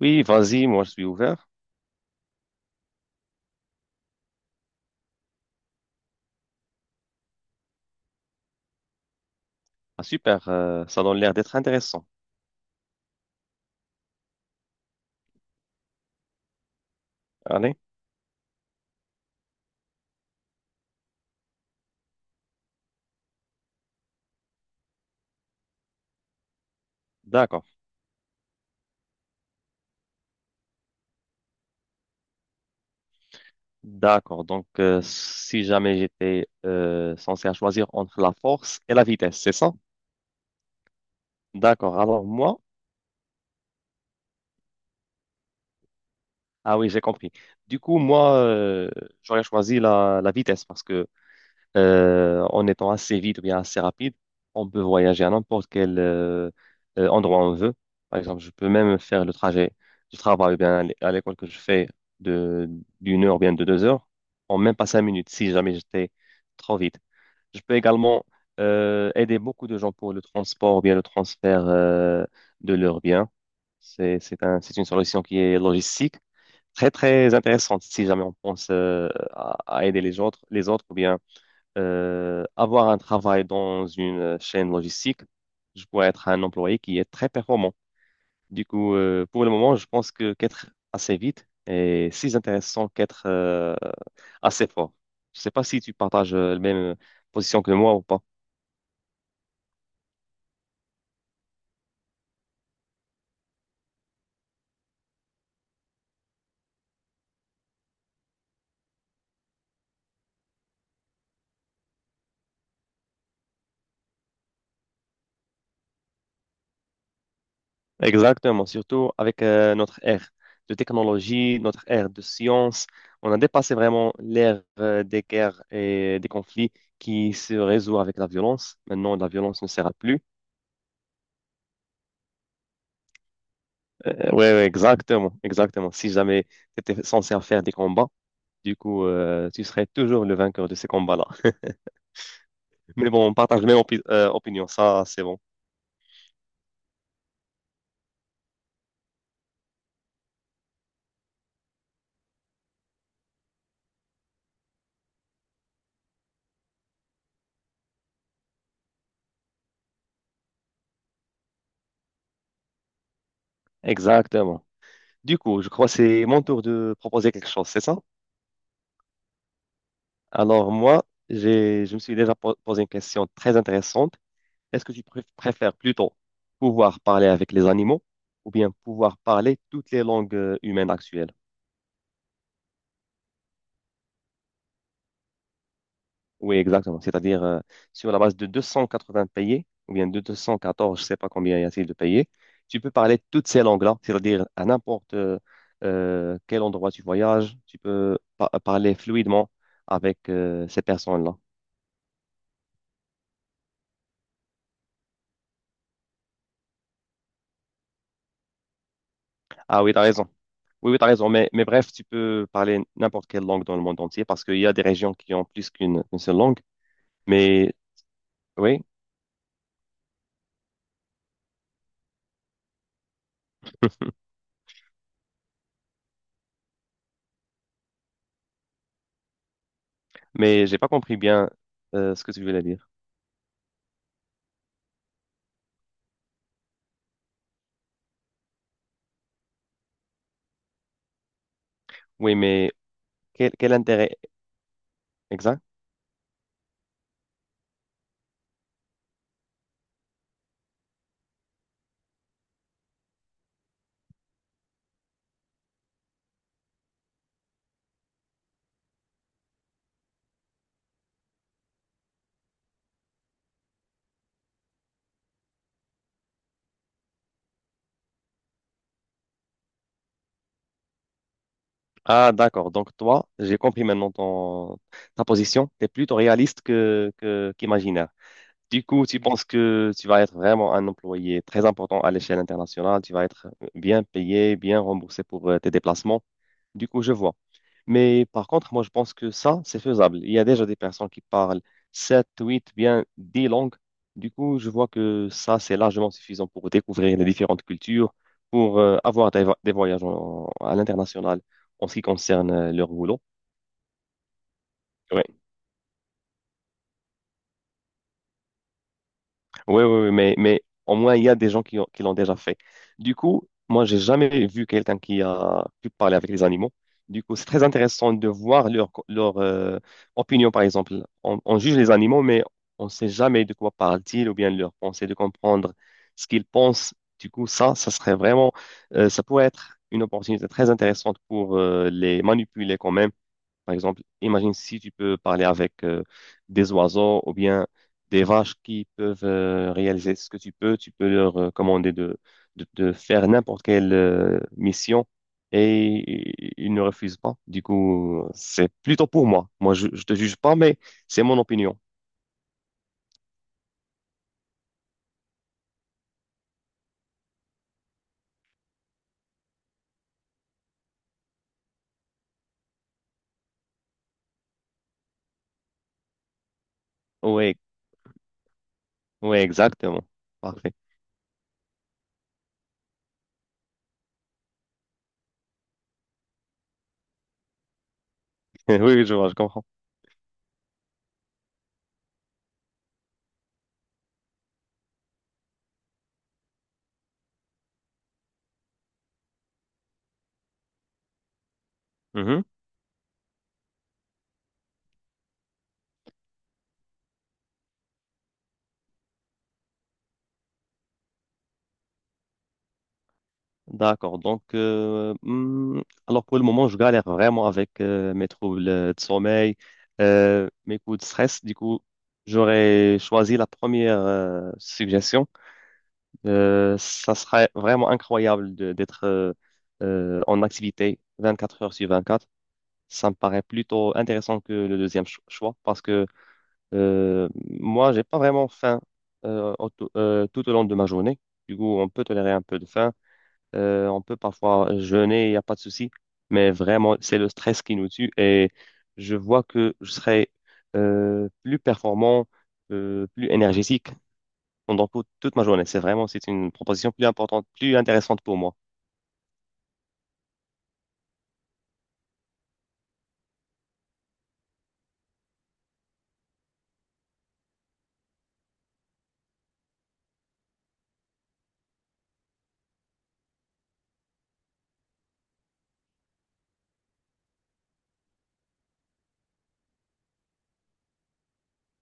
Oui, vas-y, moi je suis ouvert. Ah, super, ça donne l'air d'être intéressant. Allez, d'accord, d'accord. Donc, si jamais j'étais censé à choisir entre la force et la vitesse, c'est ça? D'accord, alors moi, ah oui, j'ai compris. Du coup, moi, j'aurais choisi la vitesse parce que en étant assez vite ou bien assez rapide, on peut voyager à n'importe quel endroit on veut. Par exemple, je peux même faire le trajet du travail ou bien à l'école que je fais de d'une heure ou bien de 2 heures en même pas 5 minutes si jamais j'étais trop vite. Je peux également aider beaucoup de gens pour le transport ou bien le transfert de leurs biens. C'est une solution qui est logistique, très, très intéressante si jamais on pense à aider les autres ou bien avoir un travail dans une chaîne logistique, je pourrais être un employé qui est très performant. Du coup, pour le moment, je pense que qu'être assez vite est si intéressant qu'être assez fort. Je ne sais pas si tu partages la même position que moi ou pas. Exactement, surtout avec notre ère de technologie, notre ère de science. On a dépassé vraiment l'ère des guerres et des conflits qui se résout avec la violence. Maintenant, la violence ne sert à plus. Ouais, ouais, exactement, exactement. Si jamais tu étais censé faire des combats, du coup, tu serais toujours le vainqueur de ces combats-là. Mais bon, on partage la même opinion, ça, c'est bon. Exactement. Du coup, je crois que c'est mon tour de proposer quelque chose, c'est ça? Alors, moi, je me suis déjà posé une question très intéressante. Est-ce que tu préfères plutôt pouvoir parler avec les animaux ou bien pouvoir parler toutes les langues humaines actuelles? Oui, exactement. C'est-à-dire, sur la base de 280 payés, ou bien de 214, je ne sais pas combien y a-t-il de payés, tu peux parler toutes ces langues-là, c'est-à-dire à n'importe quel endroit tu voyages, tu peux parler fluidement avec ces personnes-là. Ah oui, tu as raison. Oui, oui, tu as raison. Mais bref, tu peux parler n'importe quelle langue dans le monde entier parce qu'il y a des régions qui ont plus qu'une une seule langue. Mais oui, mais j'ai pas compris bien ce que tu voulais dire. Oui, mais quel, quel intérêt? Exact. Ah, d'accord. Donc, toi, j'ai compris maintenant ton, ta position. Tu es plutôt réaliste qu'imaginaire. Du coup, tu penses que tu vas être vraiment un employé très important à l'échelle internationale. Tu vas être bien payé, bien remboursé pour tes déplacements. Du coup, je vois. Mais par contre, moi, je pense que ça, c'est faisable. Il y a déjà des personnes qui parlent 7, 8, bien 10 langues. Du coup, je vois que ça, c'est largement suffisant pour découvrir les différentes cultures, pour avoir des voyages à l'international en ce qui concerne leur boulot. Oui, oui, oui, mais au moins, il y a des gens qui l'ont déjà fait. Du coup, moi, j'ai jamais vu quelqu'un qui a pu parler avec les animaux. Du coup, c'est très intéressant de voir leur opinion, par exemple. On juge les animaux, mais on ne sait jamais de quoi parlent-ils ou bien leur pensée, de comprendre ce qu'ils pensent. Du coup, ça serait vraiment, ça pourrait être une opportunité très intéressante pour les manipuler quand même. Par exemple, imagine si tu peux parler avec des oiseaux ou bien des vaches qui peuvent réaliser ce que tu peux. Tu peux leur commander de faire n'importe quelle mission et ils ne refusent pas. Du coup, c'est plutôt pour moi. Moi, je te juge pas, mais c'est mon opinion. Oui, oui, exactement. Parfait. Oui, je vois, je comprends. Mhm. D'accord. Donc, alors pour le moment, je galère vraiment avec mes troubles de sommeil, mes coups de stress. Du coup, j'aurais choisi la première suggestion. Ça serait vraiment incroyable d'être en activité 24 heures sur 24. Ça me paraît plutôt intéressant que le deuxième choix parce que moi, j'ai pas vraiment faim euh, au- tout au long de ma journée. Du coup, on peut tolérer un peu de faim. On peut parfois jeûner, il n'y a pas de souci, mais vraiment, c'est le stress qui nous tue et je vois que je serai plus performant, plus énergétique pendant toute ma journée. C'est vraiment, c'est une proposition plus importante, plus intéressante pour moi.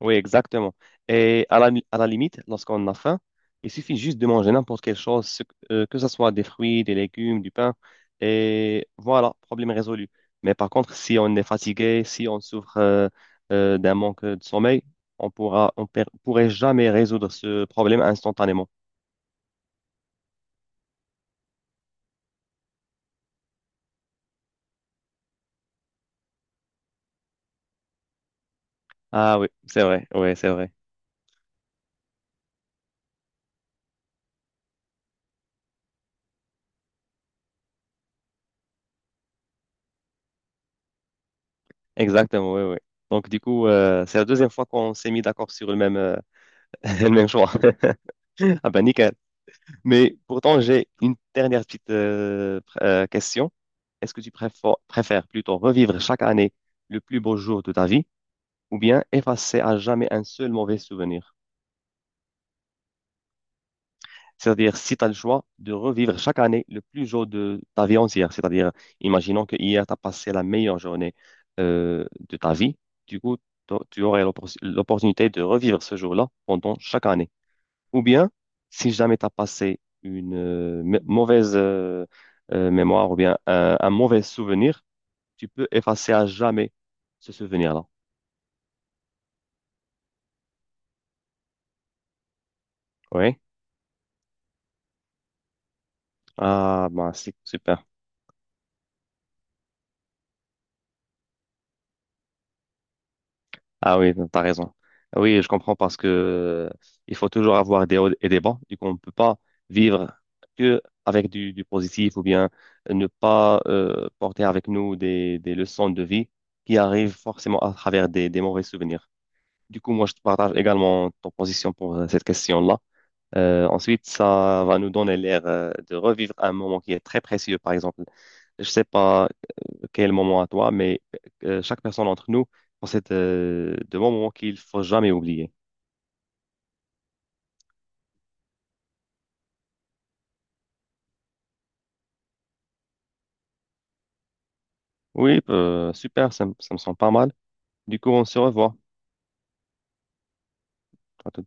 Oui, exactement. Et à la limite, lorsqu'on a faim, il suffit juste de manger n'importe quelle chose, que ce soit des fruits, des légumes, du pain, et voilà, problème résolu. Mais par contre, si on est fatigué, si on souffre d'un manque de sommeil, on pourra, pourrait jamais résoudre ce problème instantanément. Ah oui, c'est vrai, oui, c'est vrai. Exactement, oui, oui. Donc du coup, c'est la deuxième fois qu'on s'est mis d'accord sur le même, le même choix. Ah ben nickel. Mais pourtant, j'ai une dernière petite question. Est-ce que tu préfères plutôt revivre chaque année le plus beau jour de ta vie ou bien effacer à jamais un seul mauvais souvenir? C'est-à-dire, si tu as le choix de revivre chaque année le plus jour de ta vie entière, c'est-à-dire, imaginons que hier, tu as passé la meilleure journée de ta vie, du coup, tu aurais l'opportunité de revivre ce jour-là pendant chaque année. Ou bien, si jamais tu as passé une mauvaise mémoire ou bien un mauvais souvenir, tu peux effacer à jamais ce souvenir-là. Oui? Ah, bah c'est super. Ah oui, t'as raison. Oui, je comprends parce que il faut toujours avoir des hauts et des bas. Du coup, on ne peut pas vivre que avec du positif ou bien ne pas porter avec nous des leçons de vie qui arrivent forcément à travers des mauvais souvenirs. Du coup, moi, je te partage également ton position pour cette question-là. Ensuite, ça va nous donner l'air de revivre un moment qui est très précieux. Par exemple, je sais pas quel moment à toi, mais chaque personne d'entre nous possède de bons moments qu'il faut jamais oublier. Oui, super, ça, ça me semble pas mal. Du coup, on se revoit. À tout